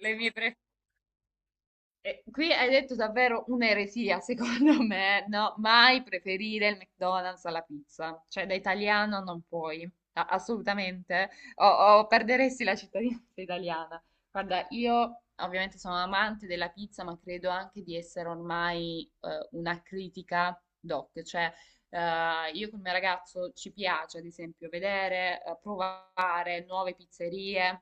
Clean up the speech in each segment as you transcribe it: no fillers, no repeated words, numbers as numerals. Le mie pre- qui hai detto davvero un'eresia, secondo me, no? Mai preferire il McDonald's alla pizza, cioè da italiano non puoi, assolutamente, o perderesti la cittadinanza italiana. Guarda, io ovviamente sono amante della pizza, ma credo anche di essere ormai una critica doc, cioè io col mio ragazzo ci piace, ad esempio, vedere, provare nuove pizzerie,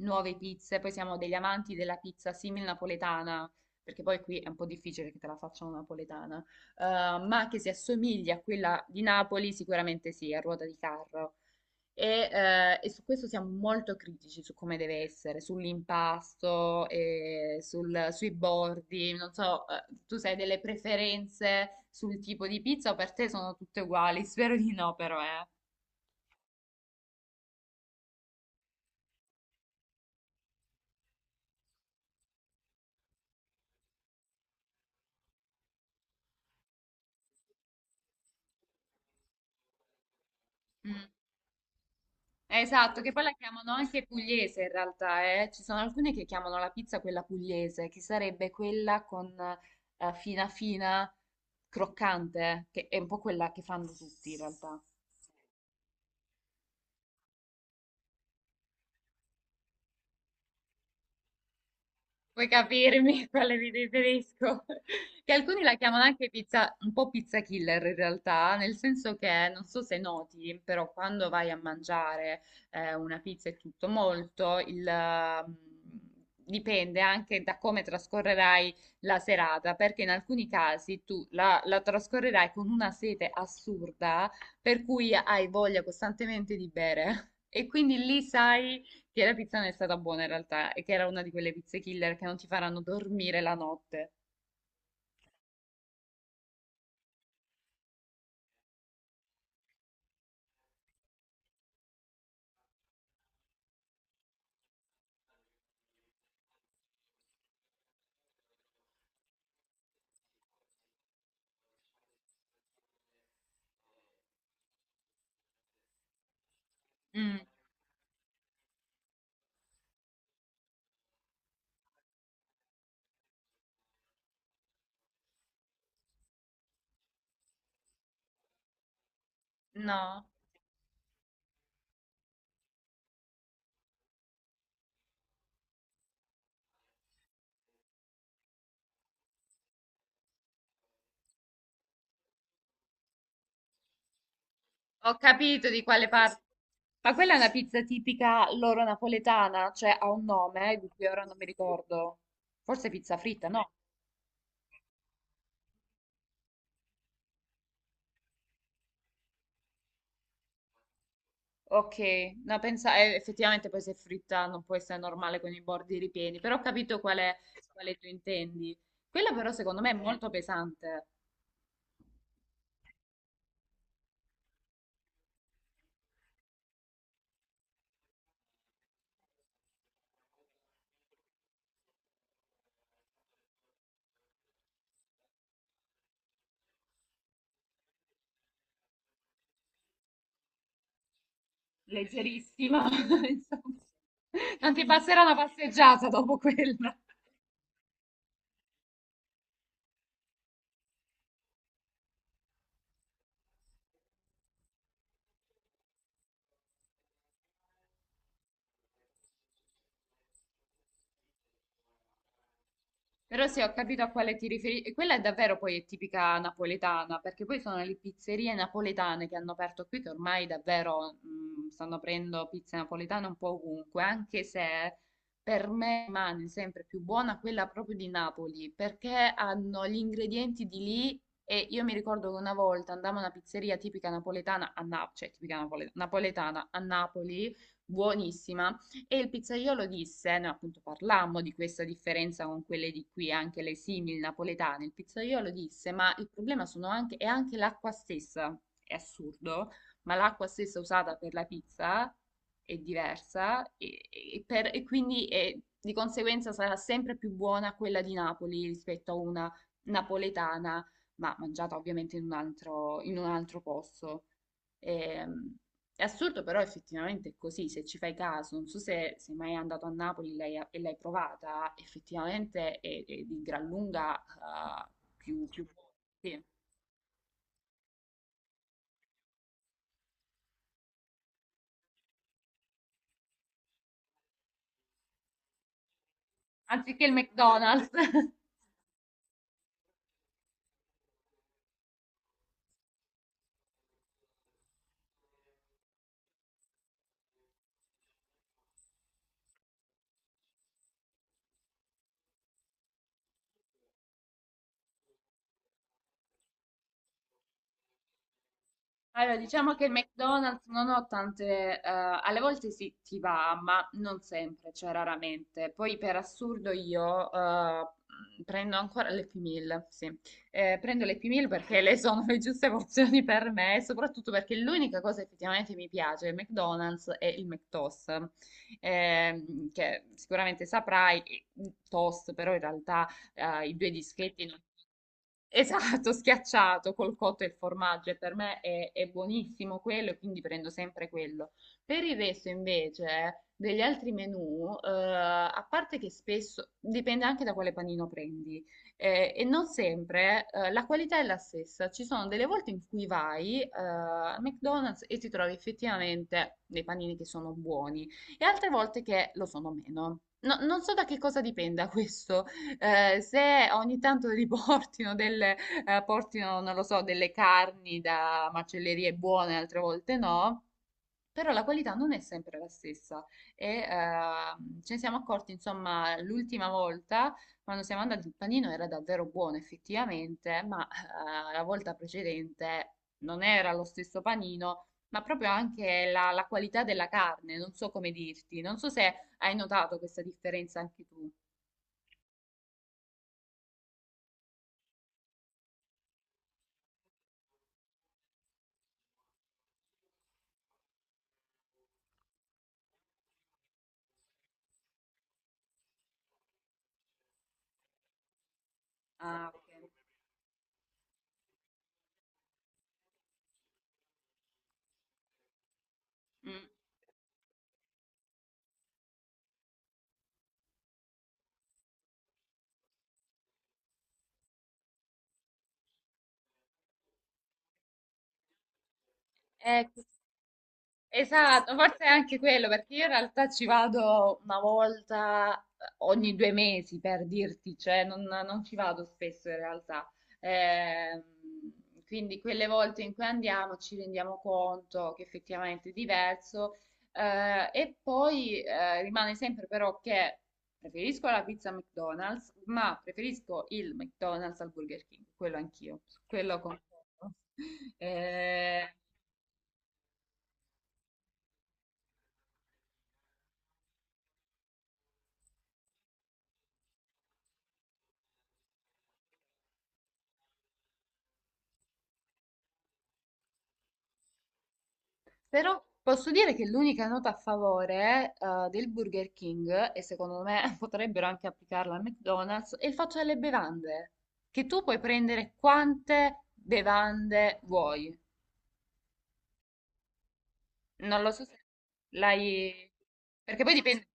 nuove pizze. Poi siamo degli amanti della pizza simil napoletana, perché poi qui è un po' difficile che te la facciano napoletana. Eh, ma che si assomigli a quella di Napoli, sicuramente sì, a ruota di carro. E su questo siamo molto critici su come deve essere, sull'impasto, e sui bordi. Non so, tu sai delle preferenze sul tipo di pizza o per te sono tutte uguali? Spero di no, però. Mm. Esatto, che poi la chiamano anche pugliese in realtà. Ci sono alcune che chiamano la pizza quella pugliese, che sarebbe quella con fina fina, croccante, che è un po' quella che fanno tutti in realtà. Puoi capirmi quale mi riferisco? Che alcuni la chiamano anche pizza, un po' pizza killer in realtà, nel senso che non so se noti, però quando vai a mangiare una pizza e tutto molto, dipende anche da come trascorrerai la serata, perché in alcuni casi tu la trascorrerai con una sete assurda, per cui hai voglia costantemente di bere. E quindi lì sai che la pizza non è stata buona in realtà e che era una di quelle pizze killer che non ti faranno dormire la notte. Mm, no, ho capito di quale parte. Ma quella è una pizza tipica loro napoletana, cioè ha un nome di cui ora non mi ricordo. Forse pizza fritta, no? Ok, no, pensa, effettivamente poi se è fritta non può essere normale con i bordi ripieni, però ho capito quale, quale tu intendi. Quella però secondo me è molto pesante. Leggerissima, insomma. Non ti passerà una passeggiata dopo quella. Però se ho capito a quale ti riferisci, quella è davvero poi è tipica napoletana, perché poi sono le pizzerie napoletane che hanno aperto qui, che ormai davvero stanno aprendo pizze napoletane un po' ovunque, anche se per me rimane sempre più buona quella proprio di Napoli, perché hanno gli ingredienti di lì e io mi ricordo che una volta andavo a una pizzeria tipica napoletana a Napoli, cioè tipica napoletana a Napoli, buonissima e il pizzaiolo disse, no, appunto parlammo di questa differenza con quelle di qui, anche le simili napoletane, il pizzaiolo disse, ma il problema sono anche, è anche l'acqua stessa, è assurdo, ma l'acqua stessa usata per la pizza è diversa e quindi di conseguenza sarà sempre più buona quella di Napoli rispetto a una napoletana, ma mangiata ovviamente in un altro posto. Ehm, è assurdo, però effettivamente è così, se ci fai caso, non so se sei mai andato a Napoli e l'hai provata, effettivamente è di gran lunga più buona, sì. Anziché il McDonald's. Allora, diciamo che il McDonald's non ho tante, alle volte sì, ti va, ma non sempre, cioè raramente. Poi per assurdo io prendo ancora le Happy Meal, sì. Prendo le Happy Meal perché le sono le giuste emozioni per me, e soprattutto perché l'unica cosa effettivamente mi piace del McDonald's è il McToast, che sicuramente saprai, toast, però in realtà i due dischetti non Esatto, schiacciato col cotto e il formaggio, e per me è buonissimo quello, e quindi prendo sempre quello. Per il resto, invece, degli altri menù, a parte che spesso dipende anche da quale panino prendi, e non sempre la qualità è la stessa. Ci sono delle volte in cui vai al McDonald's e ti trovi effettivamente dei panini che sono buoni, e altre volte che lo sono meno. Non so da che cosa dipenda questo se ogni tanto riportino delle, portino, non lo so, delle carni da macellerie buone, altre volte no, però la qualità non è sempre la stessa. E, ce ne siamo accorti, insomma, l'ultima volta quando siamo andati il panino era davvero buono effettivamente, ma la volta precedente non era lo stesso panino. Ma proprio anche la qualità della carne, non so come dirti, non so se hai notato questa differenza anche tu. Ah, ok. Mm. Ecco, esatto, forse è anche quello, perché io in realtà ci vado una volta ogni 2 mesi per dirti, cioè non ci vado spesso in realtà. Ehm, quindi quelle volte in cui andiamo ci rendiamo conto che effettivamente è diverso. E poi rimane sempre però che preferisco la pizza McDonald's, ma preferisco il McDonald's al Burger King, quello anch'io, su quello concordo. Eh, Però posso dire che l'unica nota a favore, del Burger King, e secondo me potrebbero anche applicarla al McDonald's, è il fatto delle bevande, che tu puoi prendere quante bevande vuoi. Non lo so se l'hai. Perché poi dipende.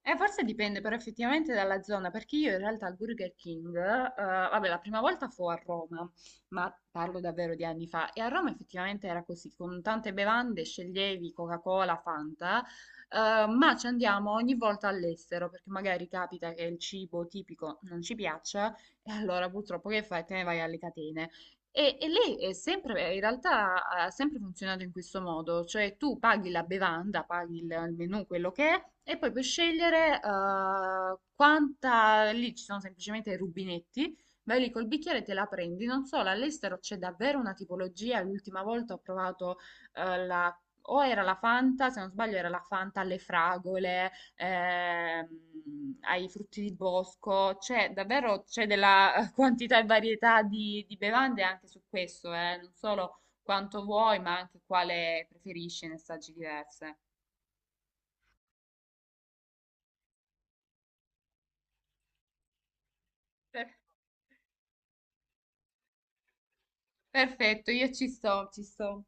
Forse dipende però effettivamente dalla zona, perché io in realtà al Burger King, vabbè, la prima volta fu a Roma, ma parlo davvero di anni fa, e a Roma effettivamente era così, con tante bevande sceglievi Coca-Cola, Fanta, ma ci andiamo ogni volta all'estero, perché magari capita che il cibo tipico non ci piaccia, e allora purtroppo che fai? Te ne vai alle catene. E lei è sempre, in realtà ha sempre funzionato in questo modo, cioè tu paghi la bevanda, paghi il menù, quello che è, e poi puoi scegliere quanta, lì ci sono semplicemente i rubinetti, vai lì col bicchiere e te la prendi. Non so, all'estero c'è davvero una tipologia, l'ultima volta ho provato la. O era la Fanta, se non sbaglio era la Fanta alle fragole, ai frutti di bosco, c'è davvero c'è della quantità e varietà di bevande anche su questo, non solo quanto vuoi, ma anche quale preferisci ne assaggi diverse. Per- Perfetto, io ci sto, ci sto.